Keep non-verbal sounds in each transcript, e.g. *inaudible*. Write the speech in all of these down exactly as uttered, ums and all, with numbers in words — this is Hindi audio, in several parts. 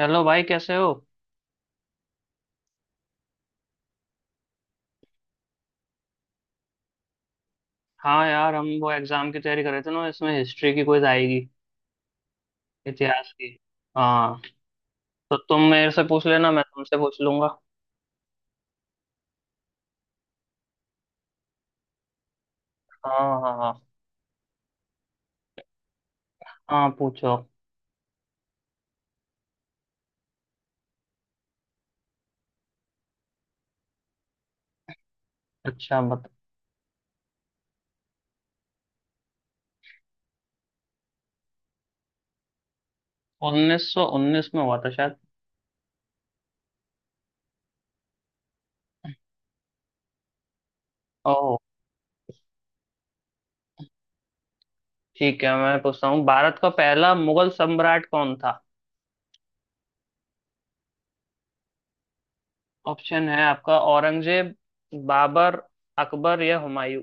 हेलो भाई, कैसे हो? हाँ यार, हम वो एग्जाम की तैयारी कर रहे थे ना, इसमें हिस्ट्री की क्विज आएगी। इतिहास की। हाँ। तो तुम मेरे से पूछ लेना, मैं तुमसे पूछ लूंगा। हाँ, हाँ, हाँ। हाँ, पूछो। अच्छा, बता। उन्नीस सौ उन्नीस में हुआ था शायद। ओह। ठीक है, मैं पूछता हूँ, भारत का पहला मुगल सम्राट कौन था? ऑप्शन है आपका, औरंगजेब, बाबर, अकबर या हुमायूं।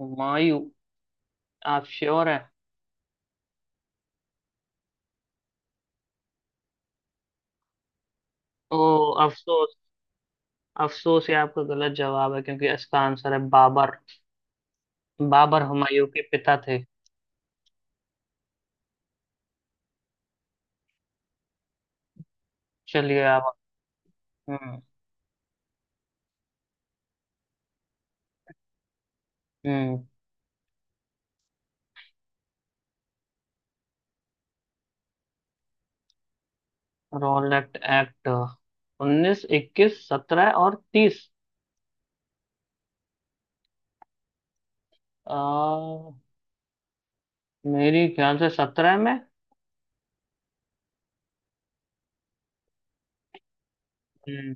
हुमायूं? आप श्योर हैं? ओ। अफसोस। अफसोस, ये आपका गलत जवाब है क्योंकि इसका आंसर है बाबर। बाबर हुमायूं के पिता थे। चलिए आप। हम्म। हम्म। Rowlatt Act. उन्नीस, इक्कीस, सत्रह और तीस। आ, मेरी ख्याल से सत्रह में। हम्म,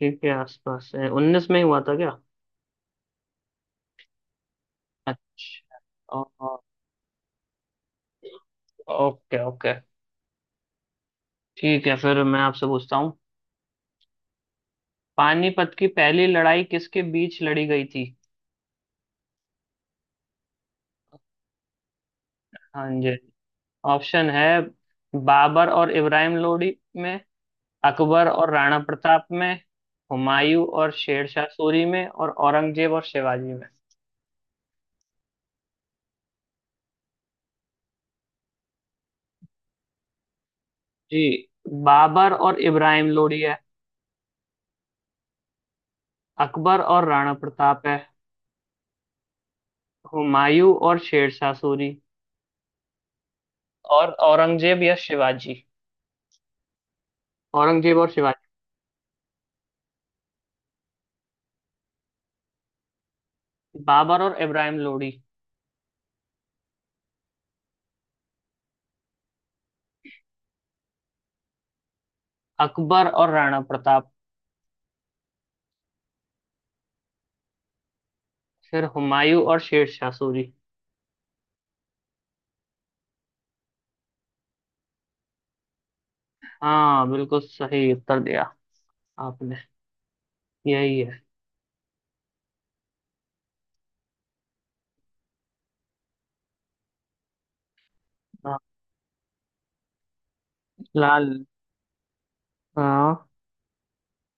ठीक के आसपास है, उन्नीस में ही हुआ था क्या? अच्छा। ओ- ओके, ओके। ठीक है, फिर मैं आपसे पूछता हूँ। पानीपत की पहली लड़ाई किसके बीच लड़ी गई थी? हाँ जी। ऑप्शन है, बाबर और इब्राहिम लोदी में, अकबर और राणा प्रताप में, हुमायूं और शेरशाह सूरी में, और औरंगजेब और शिवाजी में। जी। बाबर और इब्राहिम लोदी है। अकबर और राणा प्रताप है। हुमायूं और शेरशाह सूरी। और औरंगजेब या शिवाजी। औरंगजेब और शिवाजी। बाबर और इब्राहिम लोदी। अकबर और राणा प्रताप। फिर हुमायूं और शेरशाह सूरी। हाँ, बिल्कुल सही उत्तर दिया आपने। यही है। हाँ। लाल। हाँ।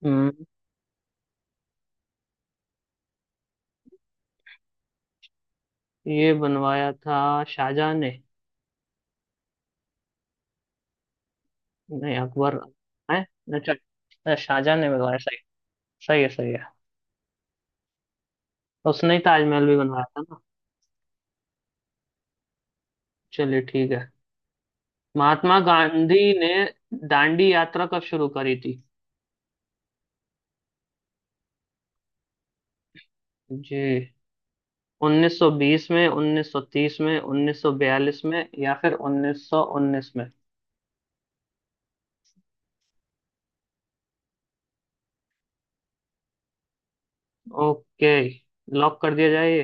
हम्म। ये बनवाया था शाहजहां ने। नहीं, अकबर है। अच्छा, अच्छा, शाहजहां ने बनवाया, सही। सही है, सही है। उसने ही ताजमहल भी बनवाया था ना। चलिए ठीक है। महात्मा गांधी ने दांडी यात्रा कब शुरू करी थी? जी। उन्नीस सौ बीस में, उन्नीस सौ तीस में, उन्नीस सौ बयालीस में या फिर उन्नीस सौ उन्नीस में। ओके। लॉक कर दिया जाए ये?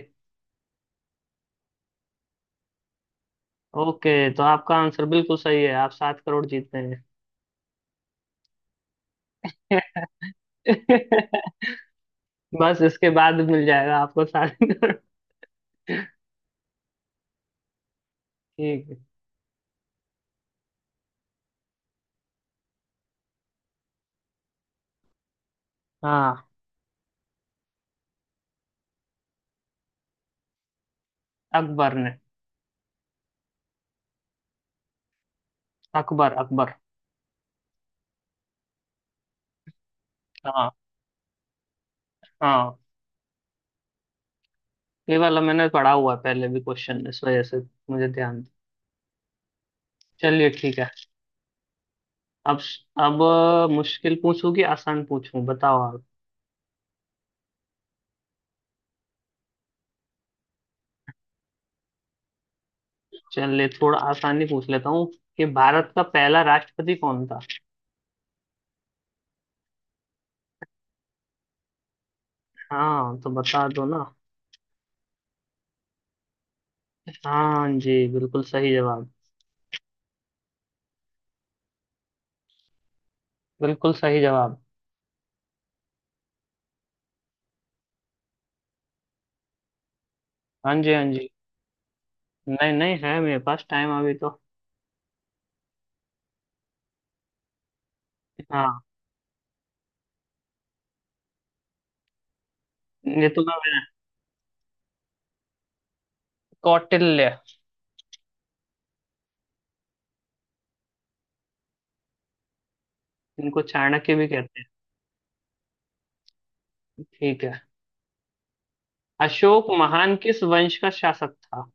ओके, तो आपका आंसर बिल्कुल सही है, आप सात करोड़ जीतते हैं। *laughs* बस इसके बाद मिल जाएगा आपको सात। ठीक है। हाँ। अकबर ने। अकबर, अकबर। हाँ, हाँ। ये वाला मैंने पढ़ा हुआ है पहले भी क्वेश्चन, इस वजह से मुझे ध्यान। चलिए ठीक है। अब अब अ, मुश्किल पूछूं कि आसान पूछूं, बताओ आप। चलिए थोड़ा आसान ही पूछ लेता हूँ कि भारत का पहला राष्ट्रपति कौन था। हाँ, तो बता दो ना। हाँ जी, बिल्कुल सही जवाब। बिल्कुल सही जवाब। हाँ जी, हाँ जी। नहीं, नहीं है मेरे पास टाइम अभी तो। हाँ। ये तो मैं। कौटिल्य। इनको चाणक्य भी कहते हैं। ठीक है। अशोक महान किस वंश का शासक था?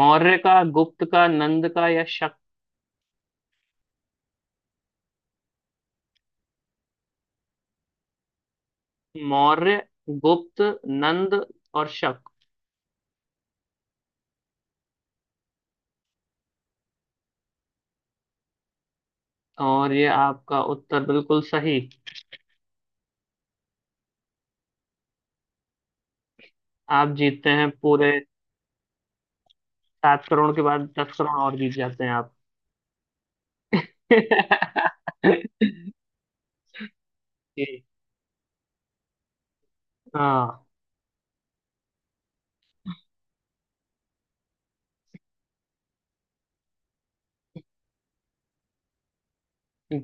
मौर्य का, गुप्त का, नंद का या शक। मौर्य, गुप्त, नंद और शक। और ये आपका उत्तर बिल्कुल सही। आप जीतते हैं पूरे। सात करोड़ के बाद दस करोड़ और जीत जाते हैं आप। *laughs* जी। हाँ।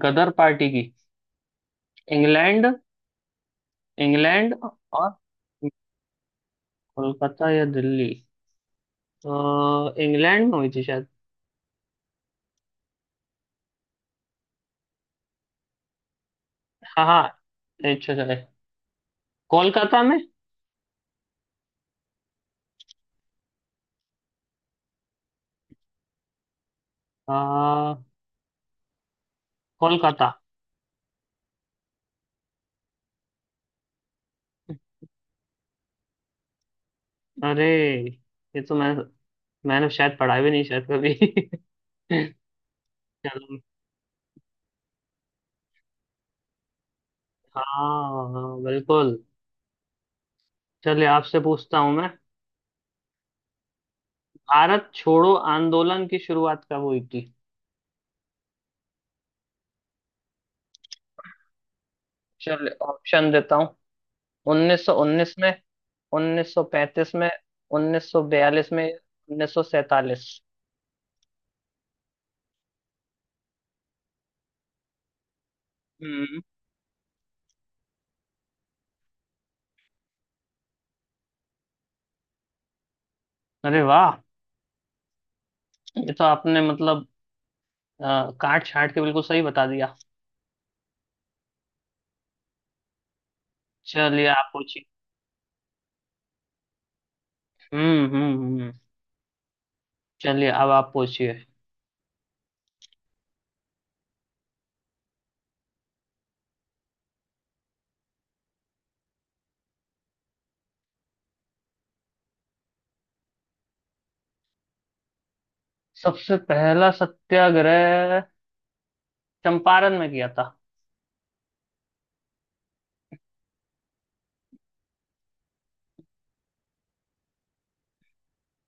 गदर पार्टी की। इंग्लैंड। इंग्लैंड और। कोलकाता या दिल्ली? तो इंग्लैंड में हुई थी शायद। हाँ, हाँ। अच्छा, अच्छा। कोलकाता में। आ, कोलकाता। अरे। ये तो मैं। मैंने शायद पढ़ा भी नहीं शायद कभी। *laughs* चलो। हाँ, बिल्कुल। चलिए आपसे पूछता हूँ मैं। भारत छोड़ो आंदोलन की शुरुआत कब हुई थी? चलिए ऑप्शन देता हूँ। उन्नीस सौ उन्नीस में, उन्नीस सौ पैंतीस में, उन्नीस सौ बयालीस में, उन्नीस सौ सैंतालीस। हम्म। अरे वाह। ये तो आपने मतलब अ, काट छाट के बिल्कुल सही बता दिया। चलिए आप पूछिए। हम्म, हम्म, हम्म। चलिए अब आप पूछिए। सबसे पहला सत्याग्रह चंपारण में किया था।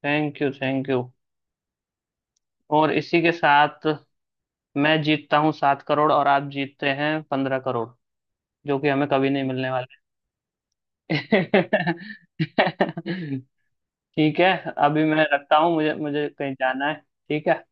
Thank you, thank you. और इसी के साथ मैं जीतता हूँ सात करोड़ और आप जीतते हैं पंद्रह करोड़ जो कि हमें कभी नहीं मिलने वाले। *laughs* ठीक है। अभी मैं रखता हूँ, मुझे मुझे कहीं जाना है। ठीक है।